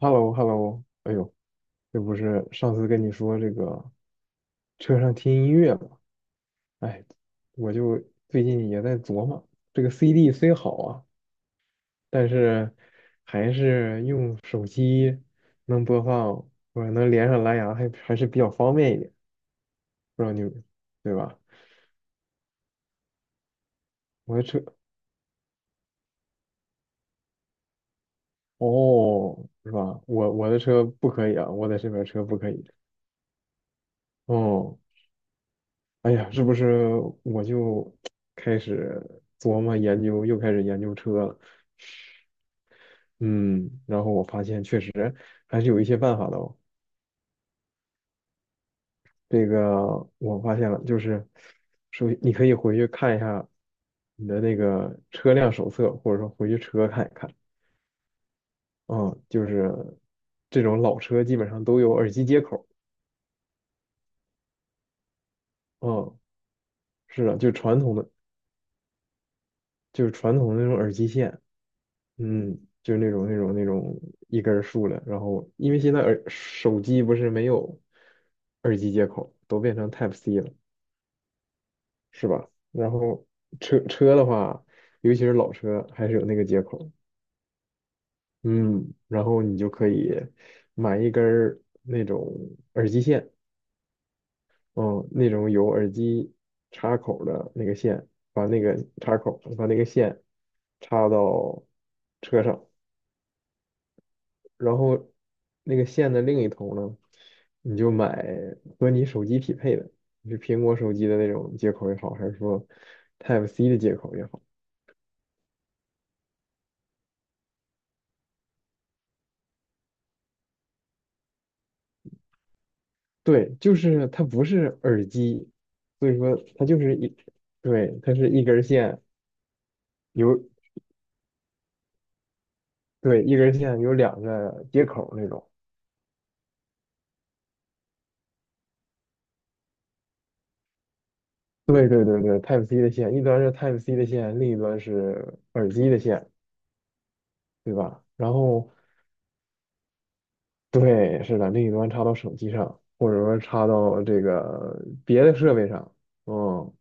h e l l o h e l l o 哎呦，这不是上次跟你说这个车上听音乐嘛？哎，我就最近也在琢磨，这个 CD 虽好啊，但是还是用手机能播放或者能连上蓝牙还是比较方便一点，不知道你对吧？我的车哦，是吧？我的车不可以啊，我在这边车不可以。哦，哎呀，是不是我就开始琢磨研究，又开始研究车了？嗯，然后我发现确实还是有一些办法的哦。这个我发现了，就是首你可以回去看一下你的那个车辆手册，或者说回去车看一看。嗯，就是这种老车基本上都有耳机接口。嗯，是的，就传统的，就是传统的那种耳机线。嗯，就是那种一根儿竖的，然后因为现在耳手机不是没有耳机接口，都变成 Type C 了，是吧？然后车的话，尤其是老车，还是有那个接口，嗯，然后你就可以买一根儿那种耳机线，嗯，那种有耳机插口的那个线，把那个插口把那个线插到车上，然后那个线的另一头呢，你就买和你手机匹配的，是苹果手机的那种接口也好，还是说 Type C 的接口也好，对，就是它不是耳机，所以说它就是一，对，它是一根线有，对，一根线有两个接口那种，对对对对，Type C 的线，一端是 Type C 的线，另一端是耳机的线，对吧？然后对，是的，另一端插到手机上，或者说插到这个别的设备上，嗯，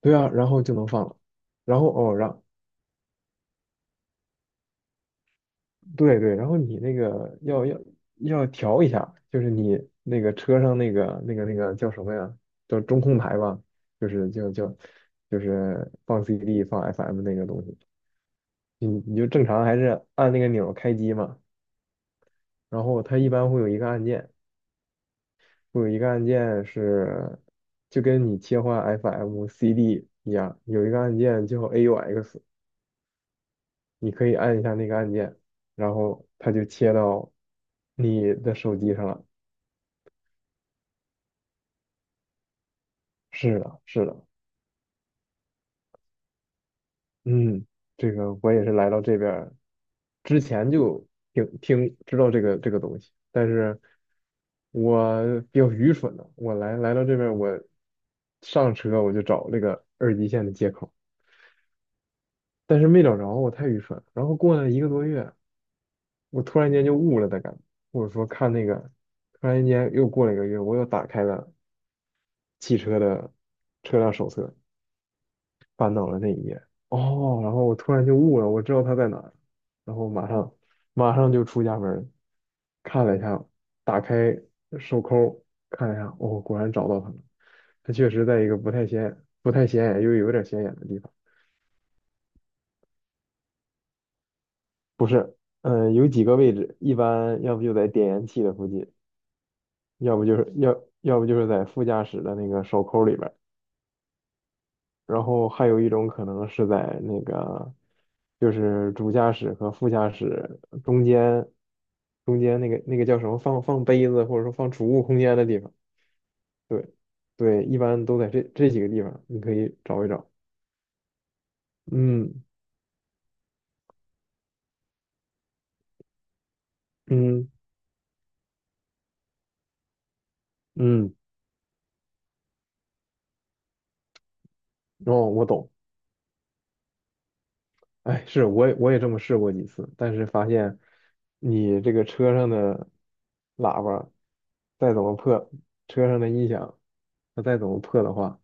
对啊，然后就能放了。然后哦，然，对对，然后你那个要调一下，就是你那个车上那个叫什么呀？叫中控台吧，就是叫就是放 CD 放 FM 那个东西，你就正常还是按那个钮儿开机嘛，然后它一般会有一个按键。有一个按键是就跟你切换 FM、CD 一样，有一个按键叫 AUX，你可以按一下那个按键，然后它就切到你的手机上了。是的，是的，嗯，这个我也是来到这边儿之前就听知道这个东西，但是我比较愚蠢的，我来到这边儿我上车我就找这个耳机线的接口。但是没找着，我太愚蠢了然后过了一个多月，我突然间就悟了的感觉，或者说看那个，突然间又过了一个月，我又打开了汽车的车辆手册，翻到了那一页。哦，然后我突然就悟了，我知道它在哪儿，然后马上就出家门儿，看了一下，打开手抠看了一下，哦，果然找到它了。它确实在一个不太显眼又有点显眼的地方。不是，嗯、有几个位置，一般要不就在点烟器的附近，要不就是要不就是在副驾驶的那个手扣里边儿，然后还有一种可能是在那个就是主驾驶和副驾驶中间那个叫什么放杯子或者说放储物空间的地方，对对，一般都在这几个地方，你可以找一找。嗯嗯嗯，哦，我懂。哎，是，我也这么试过几次，但是发现你这个车上的喇叭再怎么破，车上的音响它再怎么破的话，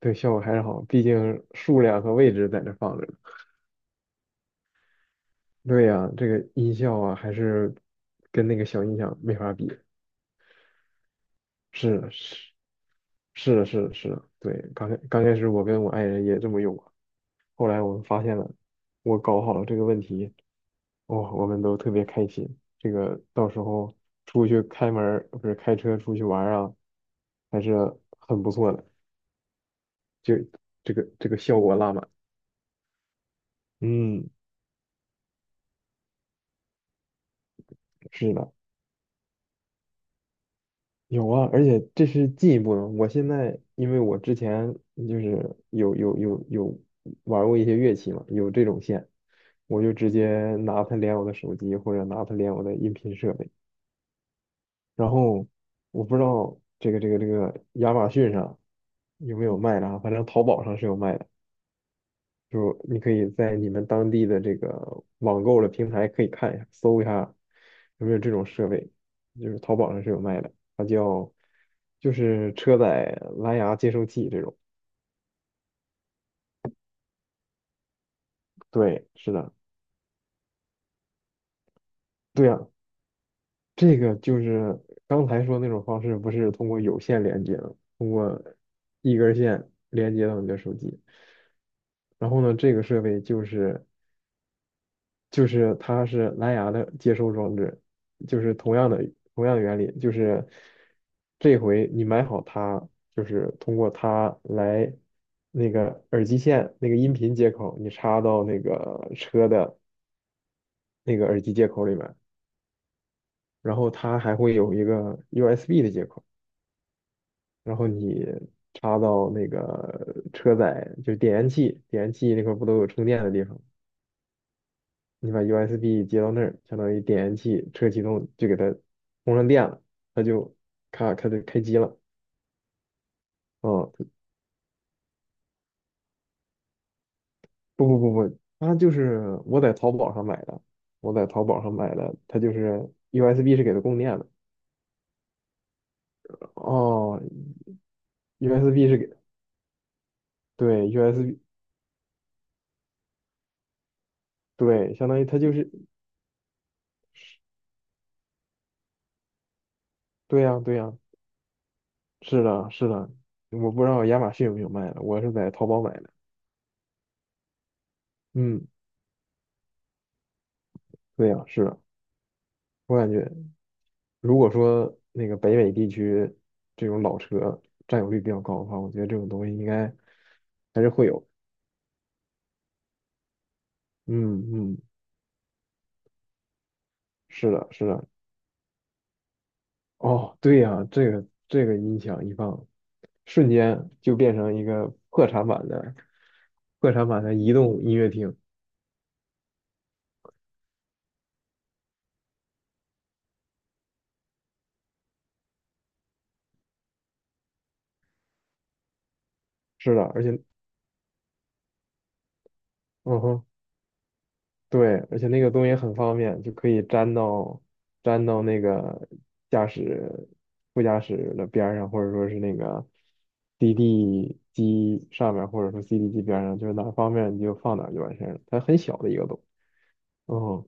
对效果还是好，毕竟数量和位置在那放着呢对呀，这个音效啊，还是跟那个小音响没法比。是的是是的是的是的，对，刚开始我跟我爱人也这么用过，后来我们发现了，我搞好了这个问题。哦，我们都特别开心。这个到时候出去开门儿，不是开车出去玩儿啊，还是很不错的。就这个效果拉满。嗯，是的，有啊，而且这是进一步的。我现在因为我之前就是有玩过一些乐器嘛，有这种线，我就直接拿它连我的手机或者拿它连我的音频设备。然后我不知道这个亚马逊上有没有卖的啊，反正淘宝上是有卖的，就你可以在你们当地的这个网购的平台可以看一下，搜一下有没有这种设备，就是淘宝上是有卖的，它叫就是车载蓝牙接收器这种。对，是的，对呀、这个就是刚才说那种方式，不是通过有线连接的，通过一根线连接到你的手机。然后呢，这个设备就是它是蓝牙的接收装置，就是同样的原理，就是这回你买好它，就是通过它来那个耳机线那个音频接口，你插到那个车的那个耳机接口里面，然后它还会有一个 USB 的接口。然后你插到那个车载，就是点烟器，点烟器那块儿不都有充电的地方？你把 USB 接到那儿，相当于点烟器车启动就给它充上电了，它就咔开就开机了。嗯，不不不不，它就是我在淘宝上买的，我在淘宝上买的，它就是 USB 是给它供电的。哦，USB 是给，对，USB，对，相当于它就是，对呀，对呀，是的，是的，我不知道亚马逊有没有卖的，我是在淘宝买的。嗯，对呀，是的，我感觉如果说那个北美地区这种老车占有率比较高的话，我觉得这种东西应该还是会有。嗯嗯，是的，是的。哦，对呀，这个音响一放，瞬间就变成一个破产版的移动音乐厅。是的，而且，嗯哼。对，而且那个东西很方便，就可以粘到那个驾驶副驾驶的边儿上，或者说是那个 CD 机上面，或者说 CD 机边儿上，就是哪儿方便你就放哪儿就完事儿了。它很小的一个洞。嗯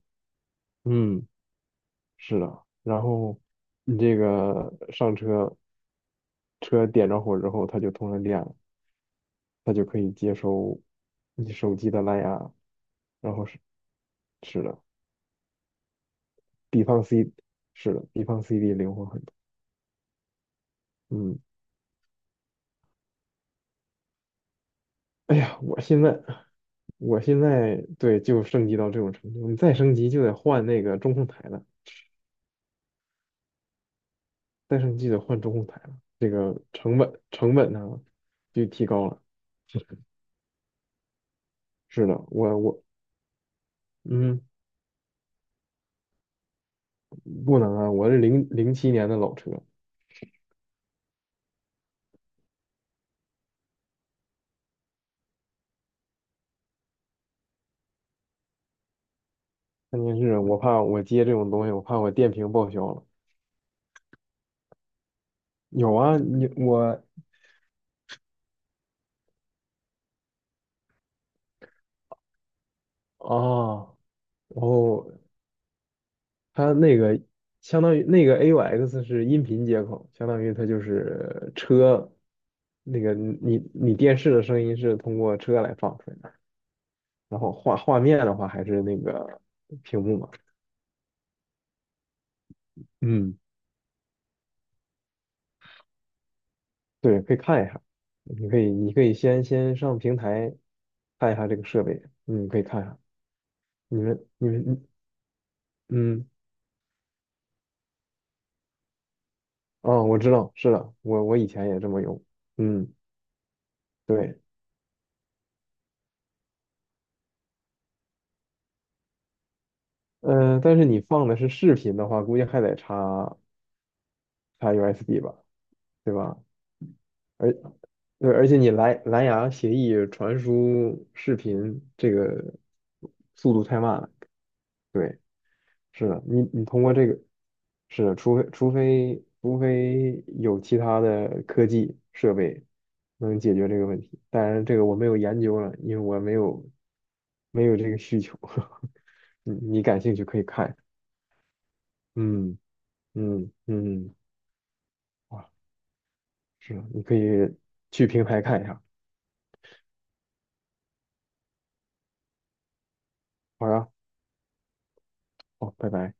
嗯，是的。然后你这个上车，车点着火之后，它就通上电了，它就可以接收你手机的蓝牙，然后是的。比方 C 是的，比方 CD 灵活很多。嗯，哎呀，我现在对就升级到这种程度，你再升级就得换那个中控台了，再升级就得换中控台了，这个成本呢就提高了。是的，我嗯，不能啊，我是2007年的老车，关键是我怕我接这种东西，我怕我电瓶报销了。有啊，你我啊，哦，哦它那个相当于那个 AUX 是音频接口，相当于它就是车那个你电视的声音是通过车来放出来的，然后画面的话还是那个屏幕嘛。嗯，对，可以看一下，你可以先上平台看一下这个设备，嗯，可以看一下。你们嗯哦，我知道，是的，我以前也这么用，嗯，对，但是你放的是视频的话，估计还得插。插 USB 吧，对吧？而对，而且你蓝牙协议传输视频这个速度太慢了。对，是的，你通过这个，是的，除非有其他的科技设备能解决这个问题，当然这个我没有研究了，因为我没有这个需求。你感兴趣可以看，嗯嗯嗯，嗯哇，是的，你可以去平台看一下。好呀，哦，拜拜。